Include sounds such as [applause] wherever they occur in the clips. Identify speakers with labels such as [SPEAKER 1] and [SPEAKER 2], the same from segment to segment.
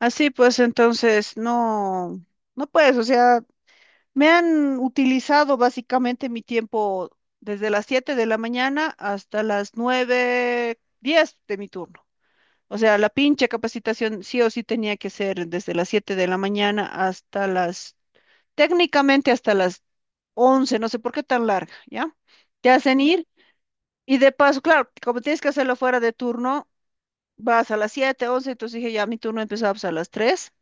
[SPEAKER 1] Así pues, entonces, no, no puedes, o sea, me han utilizado básicamente mi tiempo desde las 7 de la mañana hasta las 9, 10 de mi turno. O sea, la pinche capacitación sí o sí tenía que ser desde las 7 de la mañana hasta técnicamente hasta las 11. No sé por qué tan larga, ¿ya? Te hacen ir y de paso, claro, como tienes que hacerlo fuera de turno, vas a las 7, 11. Entonces dije, ya mi turno empezaba pues, a las 3.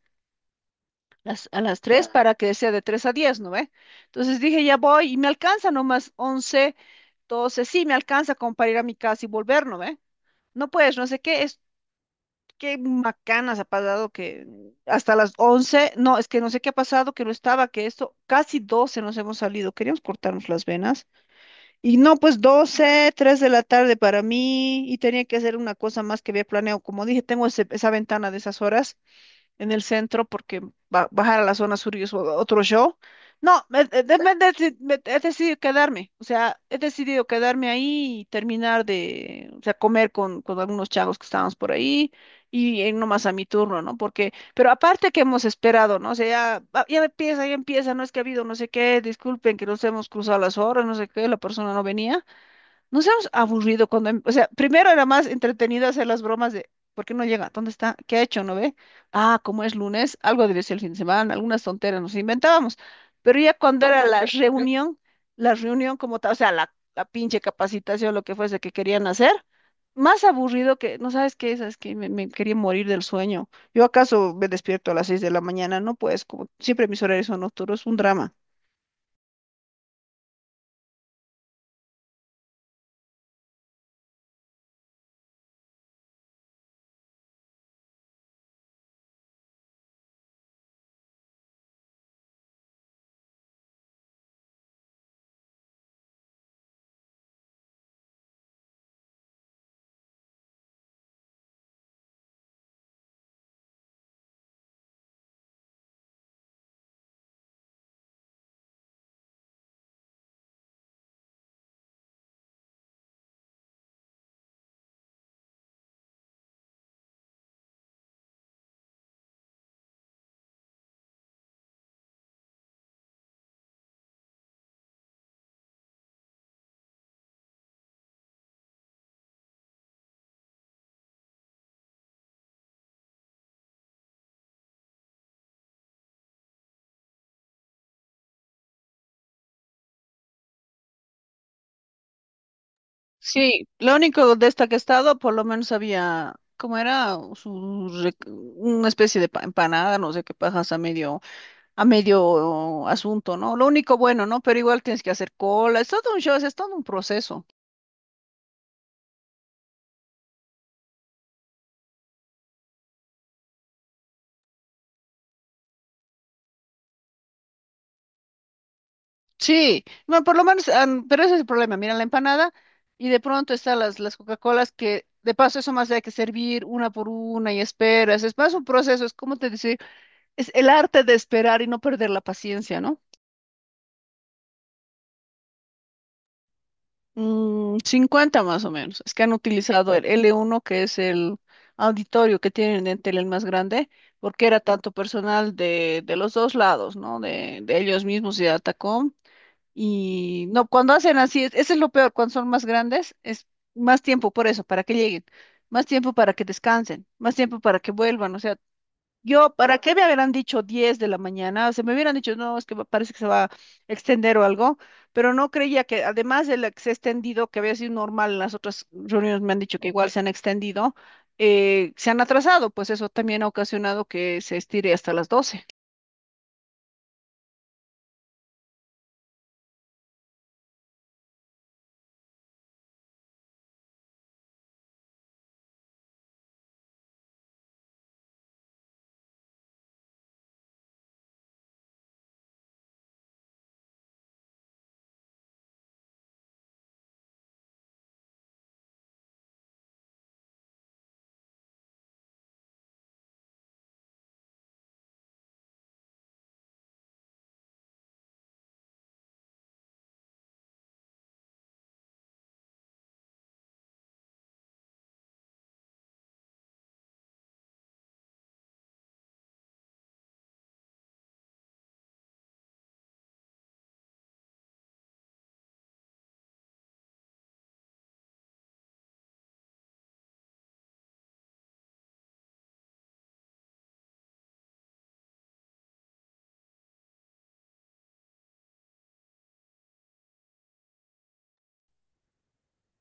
[SPEAKER 1] A las 3 para que sea de 3 a 10, ¿no ve? Entonces dije, ya voy y me alcanza nomás 11, 12, sí, me alcanza como para ir a mi casa y volver, ¿no ve? No puedes, no sé qué, qué macanas ha pasado que hasta las 11, no, es que no sé qué ha pasado, que no estaba, que esto, casi 12 nos hemos salido, queríamos cortarnos las venas y no, pues 12, 3 de la tarde para mí y tenía que hacer una cosa más que había planeado, como dije, tengo esa ventana de esas horas en el centro porque bajar a la zona sur y es otro show. No, he decidido quedarme, o sea, he decidido quedarme ahí y terminar de, o sea, comer con algunos chavos que estábamos por ahí y nomás a mi turno, ¿no? Porque, pero aparte que hemos esperado, ¿no? O sea, ya, ah, ya empieza, no es que ha habido no sé qué, disculpen que nos hemos cruzado las horas, no sé qué, la persona no venía. Nos hemos aburrido cuando, o sea, primero era más entretenido hacer las bromas de, ¿por qué no llega? ¿Dónde está? ¿Qué ha hecho? ¿No ve? Ah, como es lunes, algo debe ser el fin de semana, algunas tonteras nos inventábamos. Pero ya cuando era la [laughs] reunión, la reunión como tal, o sea, la pinche capacitación, lo que fuese que querían hacer, más aburrido que, no sabes qué, sabes que me quería morir del sueño. Yo acaso me despierto a las 6 de la mañana, no pues, como siempre mis horarios son nocturnos, un drama. Sí, lo único de esta que he estado, por lo menos había, ¿cómo era? Su una especie de empanada, no sé qué pajas a medio asunto, ¿no? Lo único bueno, ¿no? Pero igual tienes que hacer cola, es todo un show, es todo un proceso. Sí, bueno, por lo menos, ah, pero ese es el problema, mira la empanada y de pronto están las Coca-Colas que, de paso, eso más hay que servir una por una y esperas, es más un proceso, es como te decir, es el arte de esperar y no perder la paciencia, ¿no? Mm, 50 más o menos. Es que han utilizado el L1, que es el auditorio que tienen en Entel el más grande, porque era tanto personal de los dos lados, ¿no? De ellos mismos y de Atacom. Y no, cuando hacen así, eso es lo peor, cuando son más grandes, es más tiempo por eso, para que lleguen, más tiempo para que descansen, más tiempo para que vuelvan. O sea, yo, ¿para qué me habrán dicho 10 de la mañana? Se me hubieran dicho, no, es que parece que se va a extender o algo, pero no creía que, además de la que se ha extendido, que había sido normal en las otras reuniones, me han dicho que igual se han extendido, se han atrasado, pues eso también ha ocasionado que se estire hasta las 12.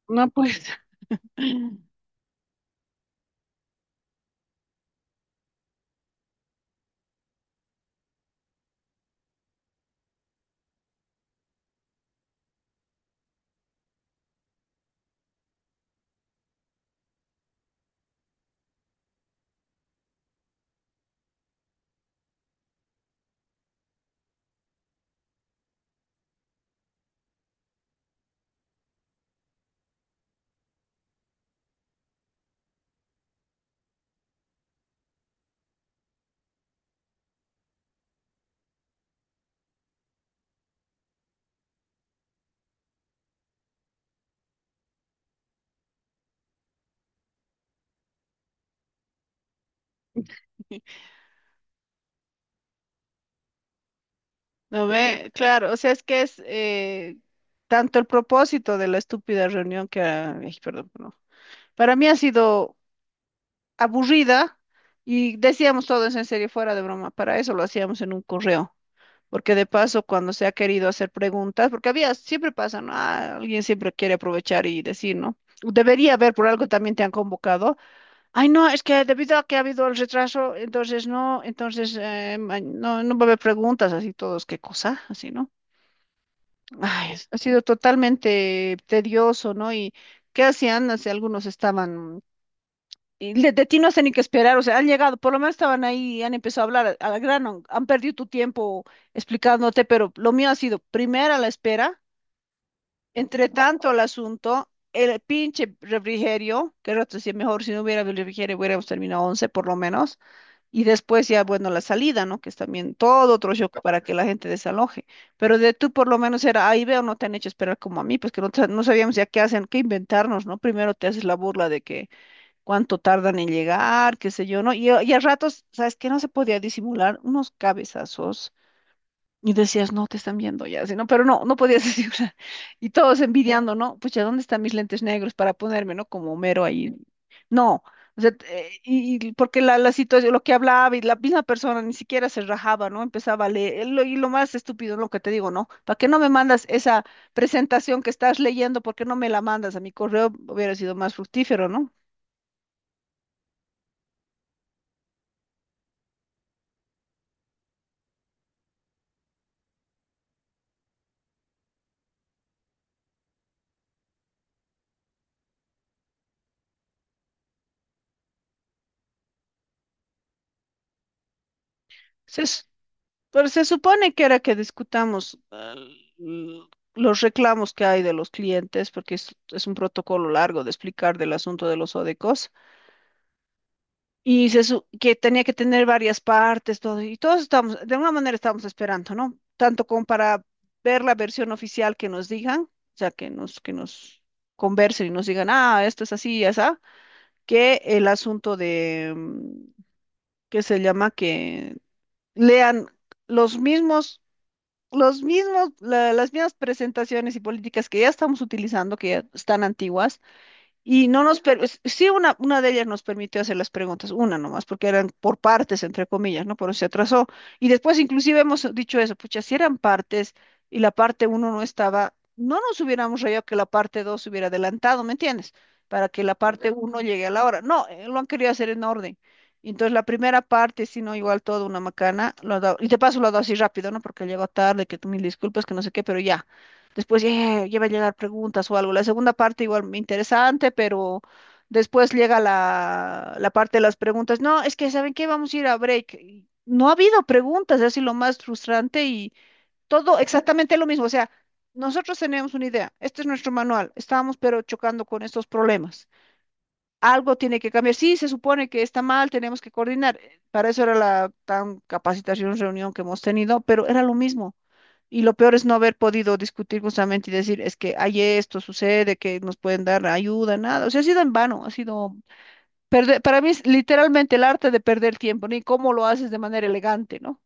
[SPEAKER 1] No, pues, [laughs] no ve, claro, o sea, es que es tanto el propósito de la estúpida reunión que, ah, ay, perdón, no. Para mí ha sido aburrida y decíamos todo eso en serio, fuera de broma. Para eso lo hacíamos en un correo, porque de paso cuando se ha querido hacer preguntas, porque había, siempre pasa, ¿no? Ah, alguien siempre quiere aprovechar y decir, ¿no? Debería haber, por algo también te han convocado. Ay, no, es que debido a que ha habido el retraso, entonces no, entonces no, no va a haber preguntas, así todos, qué cosa, así, ¿no? Ay, ha sido totalmente tedioso, ¿no? Y ¿qué hacían? Así, algunos estaban y de ti no sé ni qué esperar, o sea, han llegado, por lo menos estaban ahí, y han empezado a hablar a la grano, han perdido tu tiempo explicándote, pero lo mío ha sido primera la espera, entre tanto el asunto, el pinche refrigerio, que rato decía, mejor si no hubiera habido refrigerio hubiéramos terminado 11 por lo menos, y después ya, bueno, la salida, ¿no? Que es también todo otro show para que la gente desaloje, pero de tú por lo menos era, ahí veo, no te han hecho esperar como a mí, pues que no, no sabíamos ya qué hacen, qué inventarnos, ¿no? Primero te haces la burla de que cuánto tardan en llegar, qué sé yo, ¿no? Y, y a ratos, ¿sabes qué? No se podía disimular unos cabezazos y decías, no, te están viendo ya, sino, pero no, no podías [laughs] disimular. Y todos envidiando, ¿no? Pucha, ¿dónde están mis lentes negros para ponerme, ¿no? Como Homero ahí. No. O sea, y porque la situación, lo que hablaba y la misma persona ni siquiera se rajaba, ¿no? Empezaba a leer. Y lo más estúpido, lo que te digo, ¿no? ¿Para qué no me mandas esa presentación que estás leyendo? ¿Por qué no me la mandas a mi correo? Hubiera sido más fructífero, ¿no? Sí, pero se supone que era que discutamos l- los reclamos que hay de los clientes, porque es un protocolo largo de explicar del asunto de los ODECOS, y que tenía que tener varias partes, todo, y todos estamos, de alguna manera estamos esperando, ¿no? Tanto como para ver la versión oficial que nos digan, o sea, que nos conversen y nos digan, ah, esto es así y así, que el asunto de, ¿qué se llama? Que lean los mismos los mismos, las mismas presentaciones y políticas que ya estamos utilizando, que ya están antiguas, y no nos, sí, una de ellas nos permitió hacer las preguntas, una nomás, porque eran por partes, entre comillas, ¿no? Pero se atrasó. Y después inclusive hemos dicho eso, pucha, si eran partes y la parte uno no estaba, no nos hubiéramos rayado que la parte dos se hubiera adelantado, ¿me entiendes? Para que la parte uno llegue a la hora. No, lo han querido hacer en orden. Entonces la primera parte, si no, igual todo una macana, y te paso lo ha dado así rápido, ¿no? Porque llegó tarde, que tú mil disculpas, que no sé qué, pero ya. Después ya, va a llegar preguntas o algo. La segunda parte igual me interesante, pero después llega la parte de las preguntas. No, es que ¿saben qué? Vamos a ir a break. Y no ha habido preguntas, es así lo más frustrante y todo exactamente lo mismo. O sea, nosotros teníamos una idea, este es nuestro manual, estábamos pero chocando con estos problemas. Algo tiene que cambiar. Sí, se supone que está mal, tenemos que coordinar. Para eso era la tan capacitación, reunión que hemos tenido, pero era lo mismo. Y lo peor es no haber podido discutir justamente y decir, es que hay esto, sucede, que nos pueden dar ayuda, nada. O sea, ha sido en vano, ha sido perder, para mí es literalmente el arte de perder tiempo, ni cómo lo haces de manera elegante, ¿no?